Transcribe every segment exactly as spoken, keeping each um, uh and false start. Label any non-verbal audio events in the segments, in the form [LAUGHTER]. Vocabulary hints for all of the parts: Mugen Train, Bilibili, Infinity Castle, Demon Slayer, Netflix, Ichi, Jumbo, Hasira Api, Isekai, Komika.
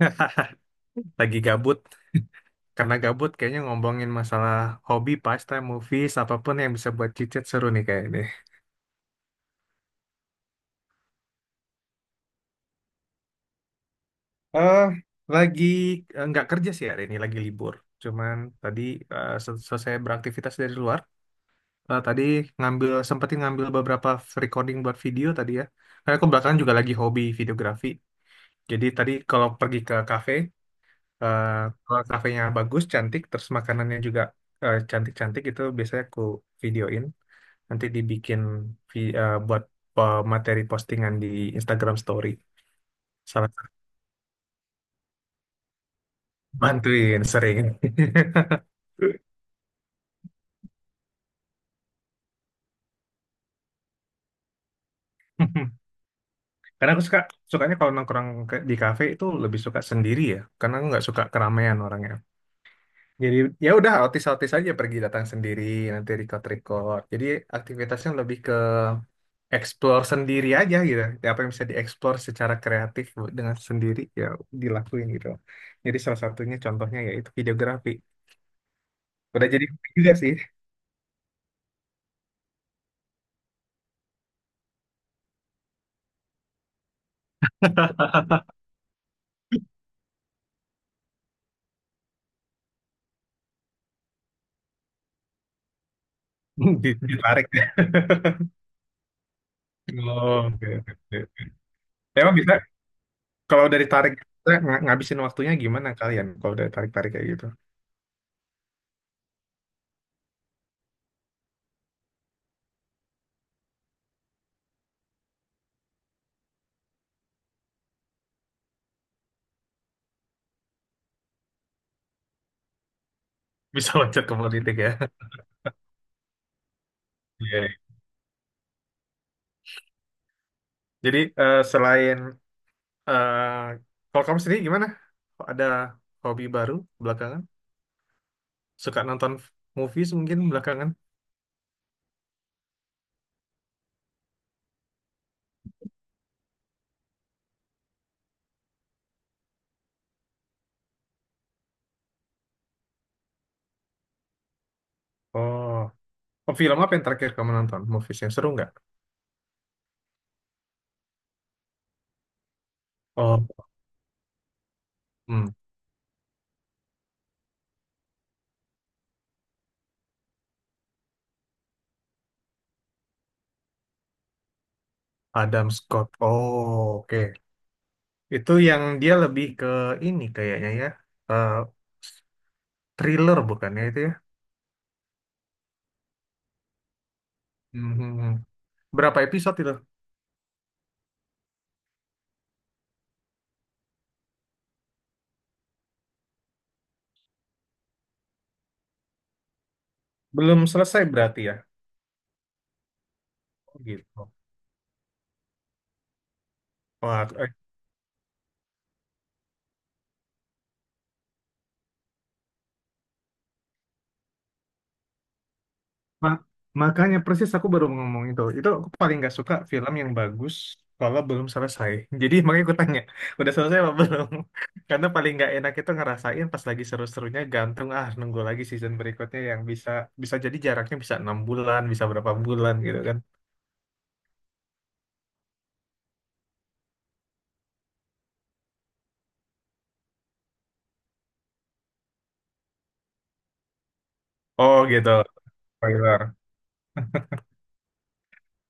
[LAUGHS] Lagi gabut, karena gabut kayaknya ngomongin masalah hobi, pastime, movies, apapun yang bisa buat cicit seru nih kayak ini. Eh, lagi eh, nggak kerja sih hari ini, lagi libur. Cuman tadi eh, sel- selesai beraktivitas dari luar, eh, tadi ngambil sempetin ngambil beberapa recording buat video tadi ya. Karena aku belakangan juga lagi hobi videografi. Jadi tadi kalau pergi ke kafe, eh, kalau kafenya bagus, cantik, terus makanannya juga eh, cantik-cantik itu biasanya aku videoin. Nanti dibikin vi- eh, buat eh, materi postingan di Instagram Story. Salah satu. Bantuin sering. [LAUGHS] Karena aku suka sukanya kalau nongkrong ke- di kafe itu lebih suka sendiri ya, karena aku nggak suka keramaian orangnya. Jadi ya udah autis-autis aja pergi datang sendiri, nanti record-record. Jadi aktivitasnya lebih ke explore sendiri aja gitu. Ya, apa yang bisa dieksplor secara kreatif dengan sendiri ya dilakuin gitu. Jadi salah satunya contohnya yaitu videografi. Udah jadi hobi juga sih. [LAUGHS] Di- Ditarik. [LAUGHS] Oh, oke, oke. Emang bisa kalau dari tarik, eh, ng- ngabisin waktunya gimana kalian kalau dari tarik-tarik kayak gitu? Bisa loncat ke politik ya. Iya. Jadi eh, selain eh, kalau kamu sendiri gimana? Ada hobi baru belakangan? Suka nonton f- movies mungkin belakangan? Oh, oh, film apa yang terakhir kamu nonton? Movies yang seru nggak? Oh, hmm. Adam Scott. Oh, oke. Itu yang dia lebih ke ini kayaknya ya. eh, Thriller bukannya itu ya? Mhm. Berapa episode itu? Belum selesai berarti ya? Oh, gitu. Wah, aku- eh, ma- makanya persis aku baru ngomong itu. Itu aku paling nggak suka film yang bagus kalau belum selesai. [LAUGHS] Jadi makanya aku tanya, udah selesai apa belum? [LAUGHS] Karena paling nggak enak itu ngerasain pas lagi seru-serunya gantung ah nunggu lagi season berikutnya yang bisa bisa jadi jaraknya bisa enam bulan, bisa berapa bulan gitu kan. Oh gitu. Spoiler.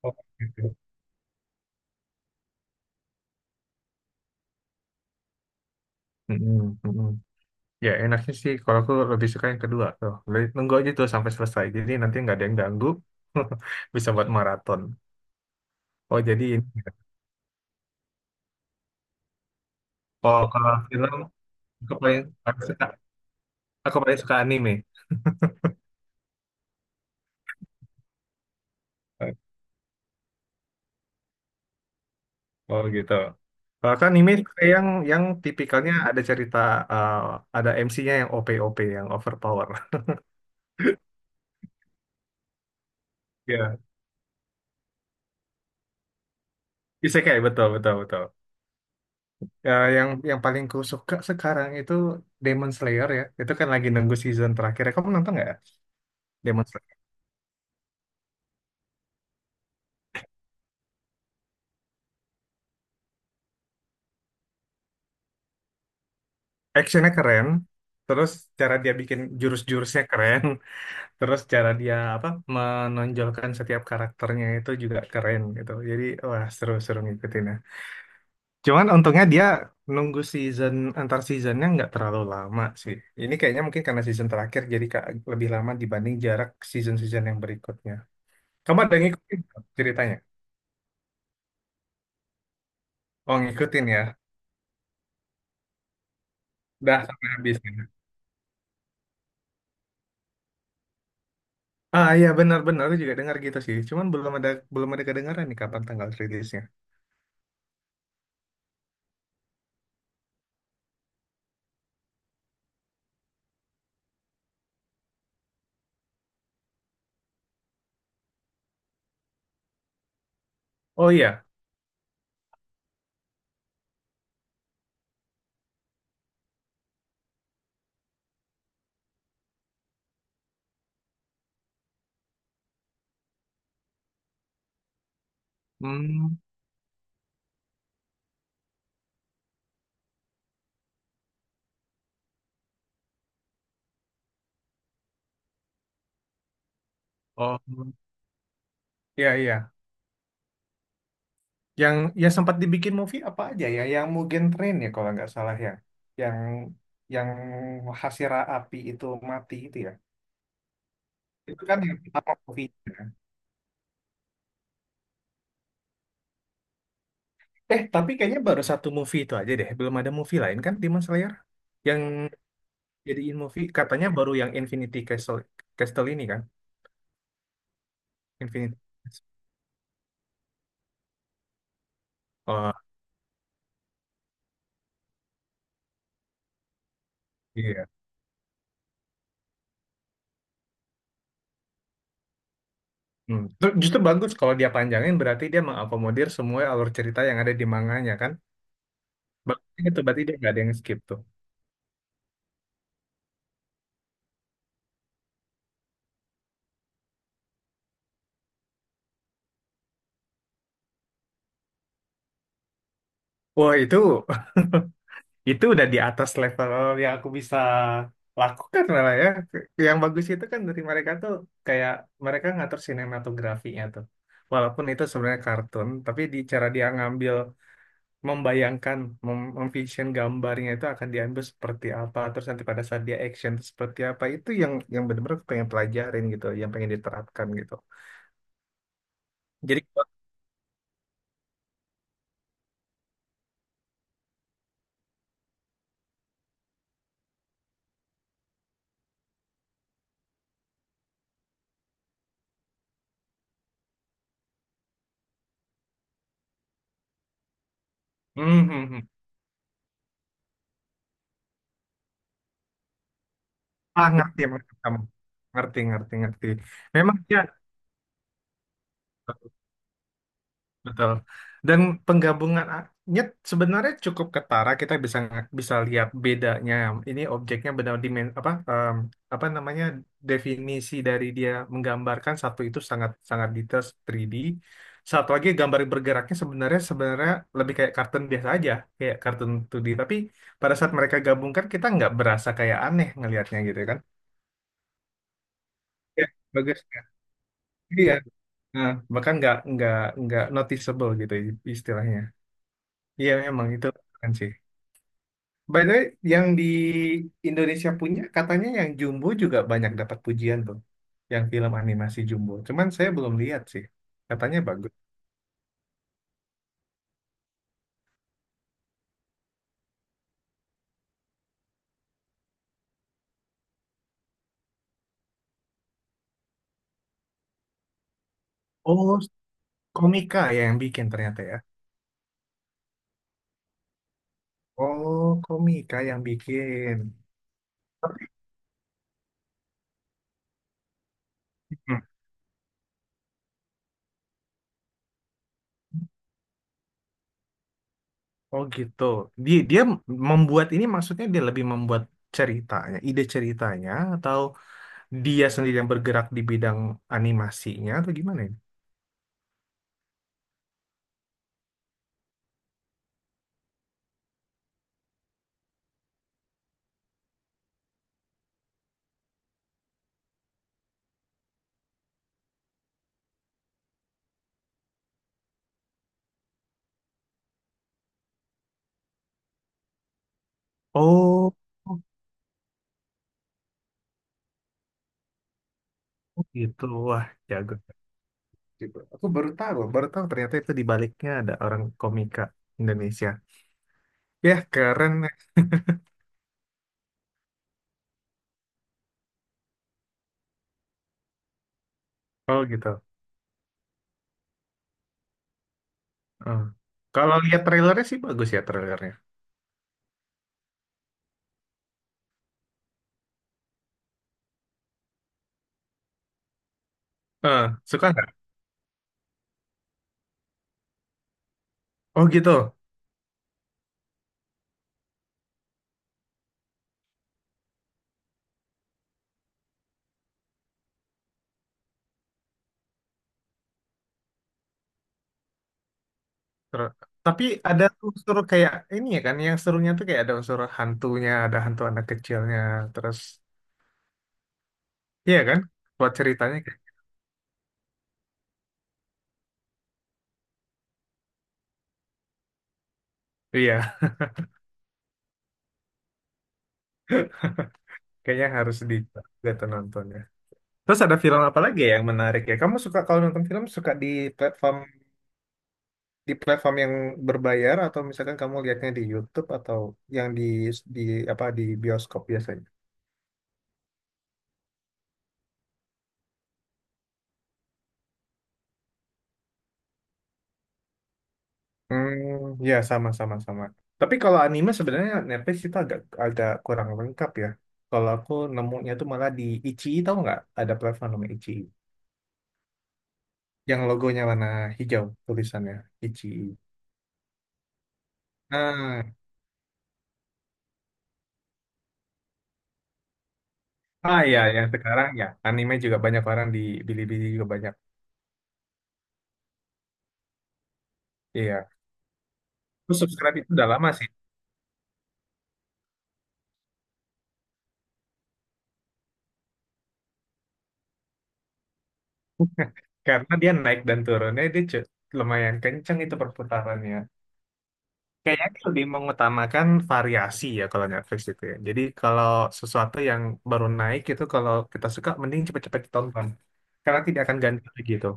Oh, gitu. Mm-mm, mm-mm. Ya enaknya sih kalau aku lebih suka yang kedua tuh. Lebih nunggu aja tuh sampai selesai. Jadi nanti nggak ada yang ganggu. [LAUGHS] Bisa buat maraton. Oh jadi ini. Oh kalau film aku paling aku suka, aku paling suka anime. Oh gitu. Kalau kan anime suka yang yang tipikalnya ada cerita eh, ada M C-nya yang O P-O P yang overpower. [LAUGHS] Ya, isekai betul betul betul. Ya, yang yang paling ku suka sekarang itu Demon Slayer ya. Itu kan lagi nunggu season terakhir. Kamu nonton nggak? Demonstrasi actionnya keren, terus cara dia bikin jurus-jurusnya keren, [LAUGHS] terus cara dia apa menonjolkan setiap karakternya itu juga keren gitu. Jadi wah, seru-seru ngikutin ya. Cuman untungnya dia nunggu season antar seasonnya nggak terlalu lama sih. Ini kayaknya mungkin karena season terakhir jadi ka- lebih lama dibanding jarak season-season yang berikutnya. Kamu ada ngikutin ceritanya? Oh, ngikutin ya. Dah sampai habis ya. Ah iya, benar-benar aku juga dengar gitu sih. Cuman belum ada belum ada kedengaran nih kapan tanggal rilisnya. Oh iya. Hmm. Oh, iya iya. Yang yang sempat dibikin movie apa aja ya? Yang Mugen Train ya kalau nggak salah ya. Yang yang Hasira Api itu mati itu ya. Itu kan yang pertama movie. Eh tapi kayaknya baru satu movie itu aja deh. Belum ada movie lain kan Demon Slayer? Yang jadiin movie katanya baru yang Infinity Castle Castle ini kan? Infinity. Oh iya. Hmm. Justru bagus kalau dia panjangin berarti dia mengakomodir semua alur cerita yang ada di manganya kan? Berarti itu berarti dia nggak ada yang skip tuh. Wah, itu [LAUGHS] itu udah di atas level yang aku bisa lakukan lah ya. Yang bagus itu kan dari mereka tuh kayak mereka ngatur sinematografinya tuh. Walaupun itu sebenarnya kartun, tapi di cara dia ngambil membayangkan, mem memvision gambarnya itu akan diambil seperti apa, terus nanti pada saat dia action itu seperti apa, itu yang yang benar-benar aku pengen pelajarin gitu, yang pengen diterapkan gitu. Jadi, [LAUGHS] Ah, ngerti, maksud kamu. Ngerti, ngerti, ngerti. Memang ya, betul. Dan penggabungannya sebenarnya cukup ketara. Kita bisa bisa lihat bedanya. Ini objeknya benar dimen apa em, apa namanya, definisi dari dia menggambarkan satu itu sangat sangat detail tiga D. Satu lagi gambar bergeraknya sebenarnya sebenarnya lebih kayak kartun biasa aja, kayak kartun dua D. Tapi pada saat mereka gabungkan kita nggak berasa kayak aneh ngelihatnya gitu kan. Ya, bagus kan. Iya. Nah, bahkan nggak nggak nggak noticeable gitu istilahnya. Iya memang itu kan sih. By the way, yang di Indonesia punya katanya yang Jumbo juga banyak dapat pujian tuh, yang film animasi Jumbo. Cuman saya belum lihat sih. Katanya bagus. Oh, komika ya yang bikin ternyata ya. Oh, komika yang bikin. Hmm. Oh gitu. Dia dia membuat ini maksudnya dia lebih membuat ceritanya, ide ceritanya atau dia sendiri yang bergerak di bidang animasinya atau gimana ya? Oh, oh gitu. Wah, jago. Gitu. Aku baru tahu, baru tahu ternyata itu di baliknya ada orang komika Indonesia. Ya, keren. eh. Oh gitu. Eh. Kalau lihat trailernya sih bagus ya trailernya. Eh, suka nggak? Oh gitu. Ter- Tapi ada unsur kayak ini ya kan, yang serunya tuh kayak ada unsur hantunya, ada hantu anak kecilnya, terus iya kan? Buat ceritanya kayak, iya, kayaknya harus di gitu nontonnya. Terus ada film apa lagi ya yang menarik ya? Kamu suka kalau nonton film suka di platform di platform yang berbayar atau misalkan kamu lihatnya di YouTube atau yang di di apa di bioskop biasanya? Hmm, ya sama sama sama. Tapi kalau anime sebenarnya Netflix itu agak agak kurang lengkap ya. Kalau aku nemunya tuh malah di Ichi tahu nggak? Ada platform namanya Ichi yang logonya warna hijau tulisannya Ichi. Ah, ah ya yang sekarang ya anime juga banyak orang di Bilibili juga banyak. Iya. Aku subscribe itu udah lama sih, karena dia naik dan turunnya dia cu- lumayan kenceng itu perputarannya. Kayaknya dia lebih mengutamakan variasi ya kalau Netflix itu ya. Jadi kalau sesuatu yang baru naik itu kalau kita suka mending cepet-cepet ditonton. Karena tidak akan ganti lagi itu.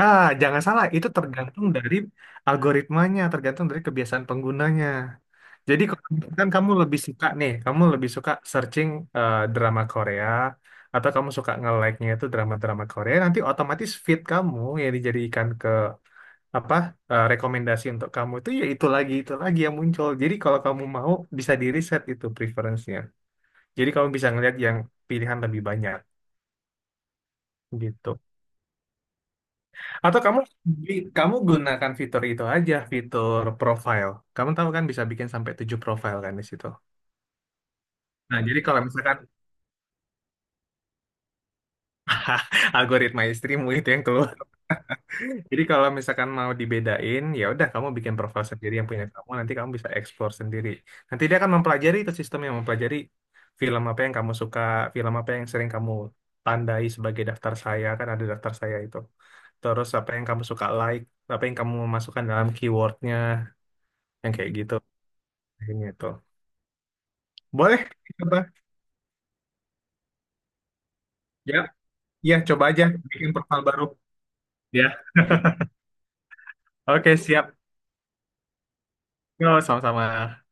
Ah, jangan salah, itu tergantung dari algoritmanya, tergantung dari kebiasaan penggunanya. Jadi kalau- kan kamu lebih suka nih, kamu lebih suka searching eh, drama Korea atau kamu suka nge-like-nya itu drama-drama Korea, nanti otomatis feed kamu yang dijadikan ke apa eh, rekomendasi untuk kamu itu ya itu lagi itu lagi yang muncul. Jadi kalau kamu mau bisa di reset itu preference-nya. Jadi kamu bisa ngeliat yang pilihan lebih banyak gitu. Atau kamu kamu gunakan fitur itu aja, fitur profile. Kamu tahu kan bisa bikin sampai tujuh profile kan di situ. Nah, jadi kalau misalkan [LAUGHS] algoritma istrimu itu yang keluar. Jadi kalau misalkan mau dibedain, ya udah kamu bikin profil sendiri yang punya kamu, nanti kamu bisa explore sendiri. Nanti dia akan mempelajari itu sistem yang mempelajari film apa yang kamu suka, film apa yang sering kamu tandai sebagai daftar saya, kan ada daftar saya itu. Terus apa yang kamu suka like, apa yang kamu masukkan dalam keywordnya, yang kayak gitu. Kayaknya itu. Boleh, coba. Ya, ya coba aja bikin profil baru. Ya. Oke, siap. Yo, sama-sama.